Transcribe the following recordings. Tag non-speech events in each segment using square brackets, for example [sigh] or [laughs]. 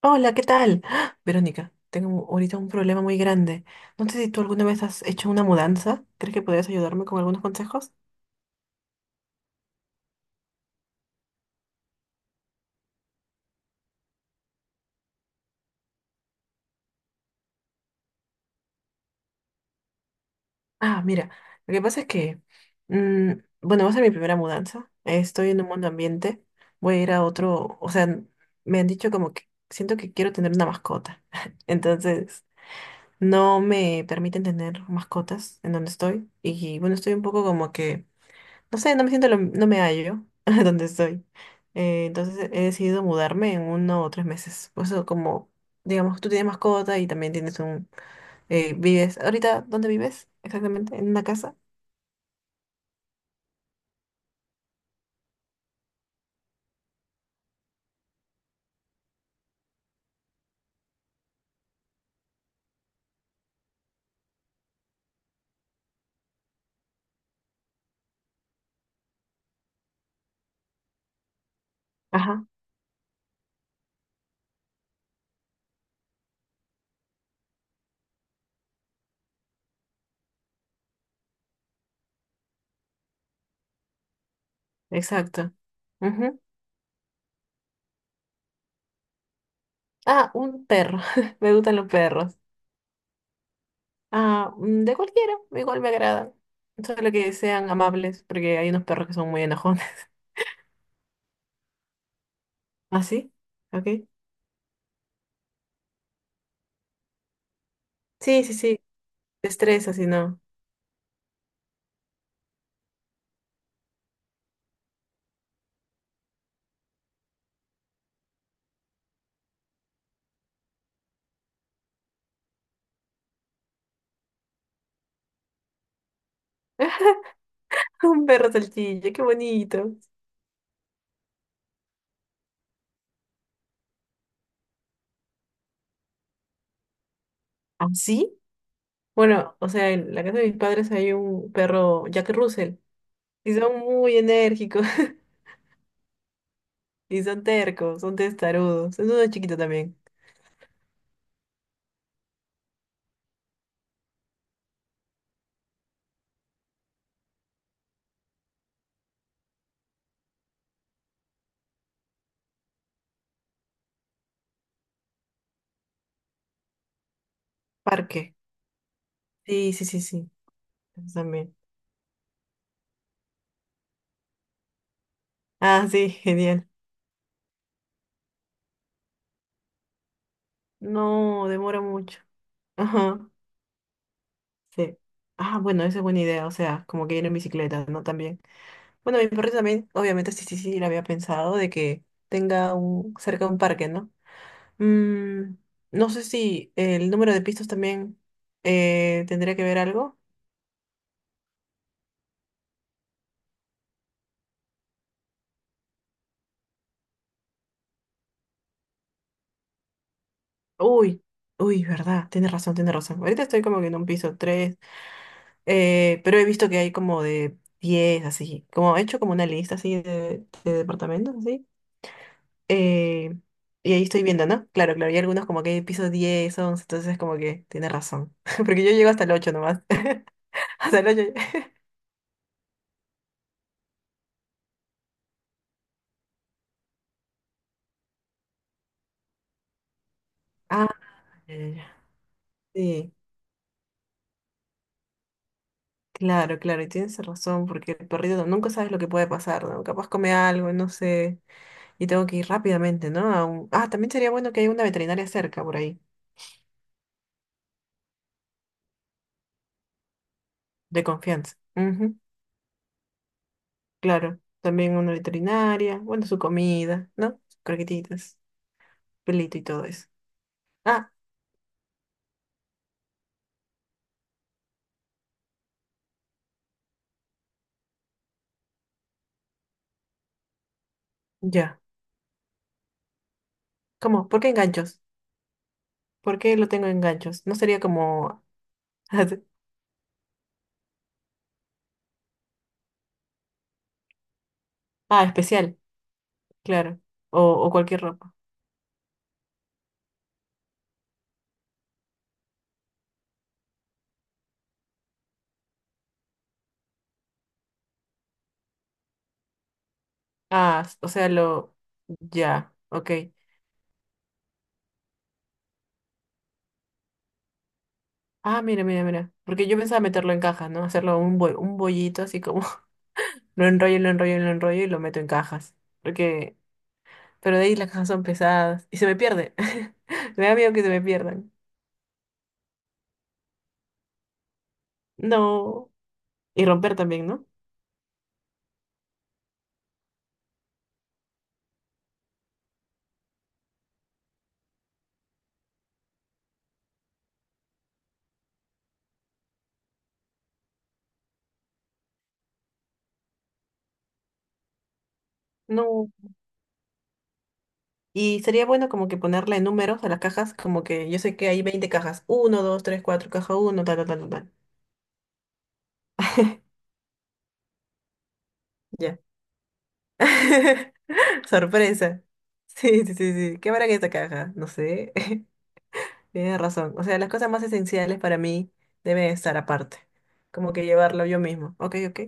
Hola, ¿qué tal? ¡Ah! Verónica, tengo ahorita un problema muy grande. No sé si tú alguna vez has hecho una mudanza. ¿Crees que podrías ayudarme con algunos consejos? Ah, mira, lo que pasa es que, mm, bueno, va a ser mi primera mudanza. Estoy en un mundo ambiente. Voy a ir a otro, o sea, me han dicho como que siento que quiero tener una mascota. [laughs] Entonces, no me permiten tener mascotas en donde estoy. Y bueno, estoy un poco como que no sé, no me siento, no me hallo [laughs] donde estoy. Entonces he decidido mudarme en uno o tres meses. Por eso como, digamos, tú tienes mascota y también tienes un, vives, ahorita, ¿dónde vives? Exactamente, en una casa. Ajá, exacto. Ujú. Ah, un perro. [laughs] Me gustan los perros. Ah, de cualquiera, igual me agradan. Solo que sean amables, porque hay unos perros que son muy enojones. [laughs] ¿Ah, sí? Ok. Sí, sí, sí. Te estresa, si no. [laughs] Un perro salchicha, qué bonito. Ah, sí. Bueno, o sea, en la casa de mis padres hay un perro Jack Russell y son muy enérgicos. [laughs] Y son tercos, son testarudos. Es uno chiquito también. Parque. Sí, sí, sí, sí. Eso también. Ah, sí, [laughs] genial. No, demora mucho. Ajá, sí. Ah, bueno, esa es buena idea. O sea, como que ir en bicicleta, ¿no? También. Bueno, mi perrito también, obviamente, sí, sí, sí, lo había pensado de que tenga un, cerca un parque, ¿no? Mm, no sé si el número de pistas también tendría que ver algo. Uy, uy, verdad, tienes razón, tienes razón. Ahorita estoy como que en un piso tres, pero he visto que hay como de 10 así. Como he hecho como una lista así de departamentos, así. eh, y ahí estoy viendo, ¿no? Claro, claro, y algunos como que hay pisos 10, 11, entonces como que tienes razón. [laughs] Porque yo llego hasta el 8 nomás. [laughs] Hasta el ocho. Ah, ya, ya, ya. Sí. Claro, claro, y tienes razón, porque el perrito nunca sabes lo que puede pasar, ¿no? Capaz come algo, no sé, y tengo que ir rápidamente, ¿no? Ah, también sería bueno que haya una veterinaria cerca por ahí, de confianza. Ujú, claro, también una veterinaria, bueno, su comida, ¿no? Sus croquetitas, pelito y todo eso. Ah, ya. ¿Cómo? ¿Por qué enganchos? ¿Por qué lo tengo en ganchos? No sería como... [laughs] Ah, especial, claro. O cualquier ropa. O sea, lo... Ya, ok. Ah, mira, mira, mira. Porque yo pensaba meterlo en cajas, ¿no? Un bollito así como [laughs] lo enrollo, lo enrollo, lo enrollo y lo meto en cajas. Porque, pero de ahí las cajas son pesadas y se me pierde. [laughs] Me da miedo que se me pierdan. No. Y romper también, ¿no? No. Y sería bueno como que ponerle números a las cajas, como que yo sé que hay 20 cajas. Uno, 2, 3, cuatro, caja uno, tal, tal, tal, tal, tal. Ya. [laughs] Sorpresa. Sí, sí, sí, sí. ¿Qué habrá en esta caja? No sé. [laughs] Tienes razón. O sea, las cosas más esenciales para mí deben estar aparte. Como que llevarlo yo mismo. Ok, ok.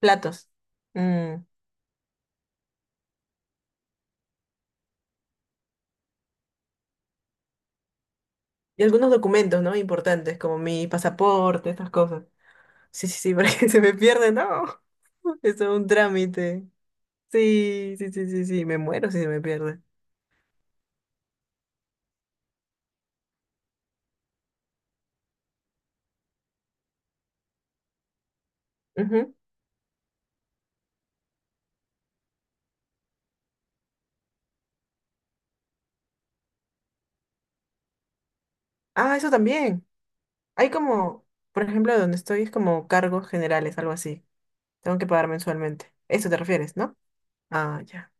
Platos. Mm. Y algunos documentos, ¿no? Importantes, como mi pasaporte, estas cosas. Sí, sí, sí, [laughs] porque se me pierde, no. [laughs] Eso es todo un trámite. Sí, sí, sí, sí, sí. Me muero si se me pierde. Ujú. Ah, eso también. Hay como, por ejemplo, donde estoy es como cargos generales, algo así. Tengo que pagar mensualmente. Eso te refieres, ¿no? Ah, ya.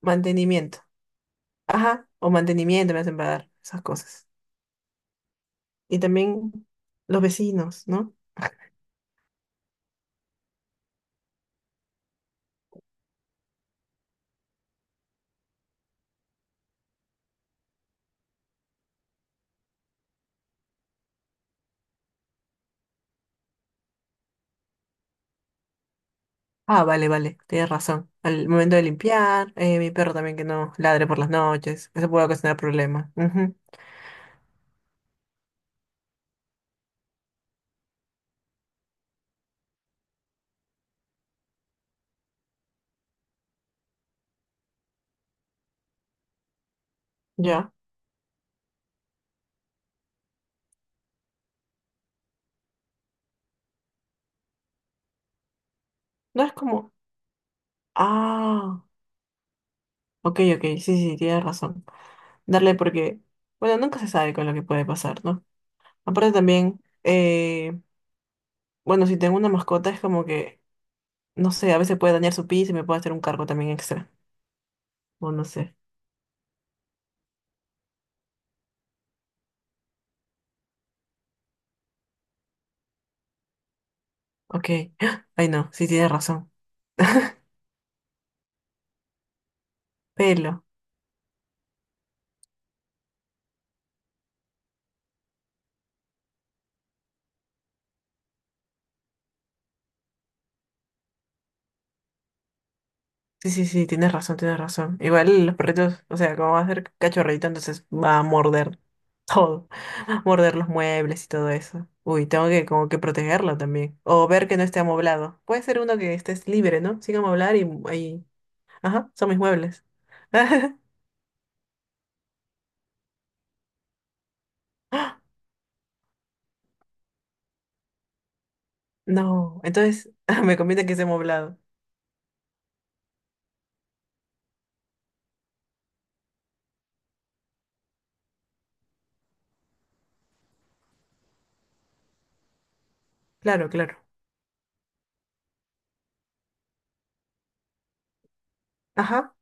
Mantenimiento. Ajá, o mantenimiento me hacen pagar, esas cosas. Y también los vecinos, ¿no? Ah, vale, vale, tienes razón. Al momento de limpiar, mi perro también que no ladre por las noches, eso puede ocasionar problemas. Ujú, ya, no es como, ah, ok, ok, sí, sí, tienes razón. Darle porque, bueno, nunca se sabe con lo que puede pasar, ¿no? Aparte también, bueno, si tengo una mascota es como que, no sé, a veces puede dañar su piso y me puede hacer un cargo también extra, o no sé. Ok, [gasps] ay no, sí tienes razón. Pelo. Sí, sí, sí, tienes razón, tienes razón. Igual los perritos, o sea, como va a ser cachorrito, entonces va a morder todo. [laughs] Morder los muebles y todo eso. Uy, tengo que como que protegerlo también. O ver que no esté amoblado. Puede ser uno que estés libre, ¿no? Sin amoblar y ahí. Ajá, son mis muebles. [laughs] No, entonces [laughs] me conviene que esté amoblado. Claro, claro. Ajá.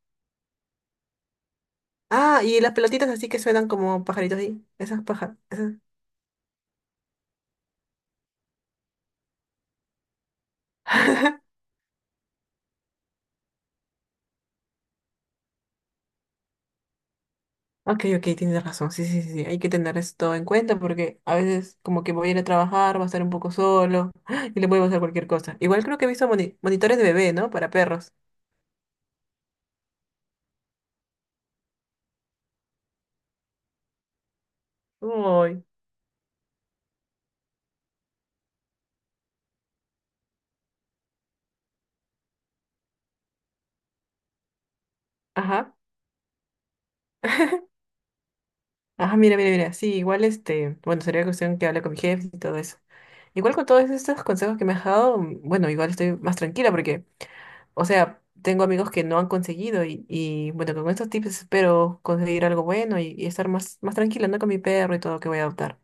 Ah, y las pelotitas así que suenan como pajaritos ahí. Esas pajas. Ok, ok, tienes razón. Sí, sí, sí, sí, hay que tener esto en cuenta porque a veces como que voy a ir a trabajar, va a estar un poco solo [gasps] y le puede pasar cualquier cosa. Igual creo que he visto monitores de bebé, ¿no? Para perros. Uy. Ajá. Ajá, mira, mira, mira. Sí, igual este, bueno, sería cuestión que hable con mi jefe y todo eso. Igual con todos estos consejos que me has dado, bueno, igual estoy más tranquila porque, o sea, tengo amigos que no han conseguido y bueno, con estos tips espero conseguir algo bueno y estar más, más tranquila, ¿no? Con mi perro y todo que voy a adoptar.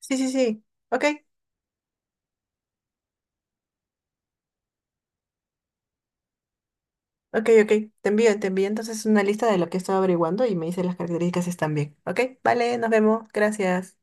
Sí, sí, sí. Ok, ok, ok. Te envío entonces una lista de lo que estoy averiguando y me dices las características si están bien. Ok, vale, nos vemos. Gracias.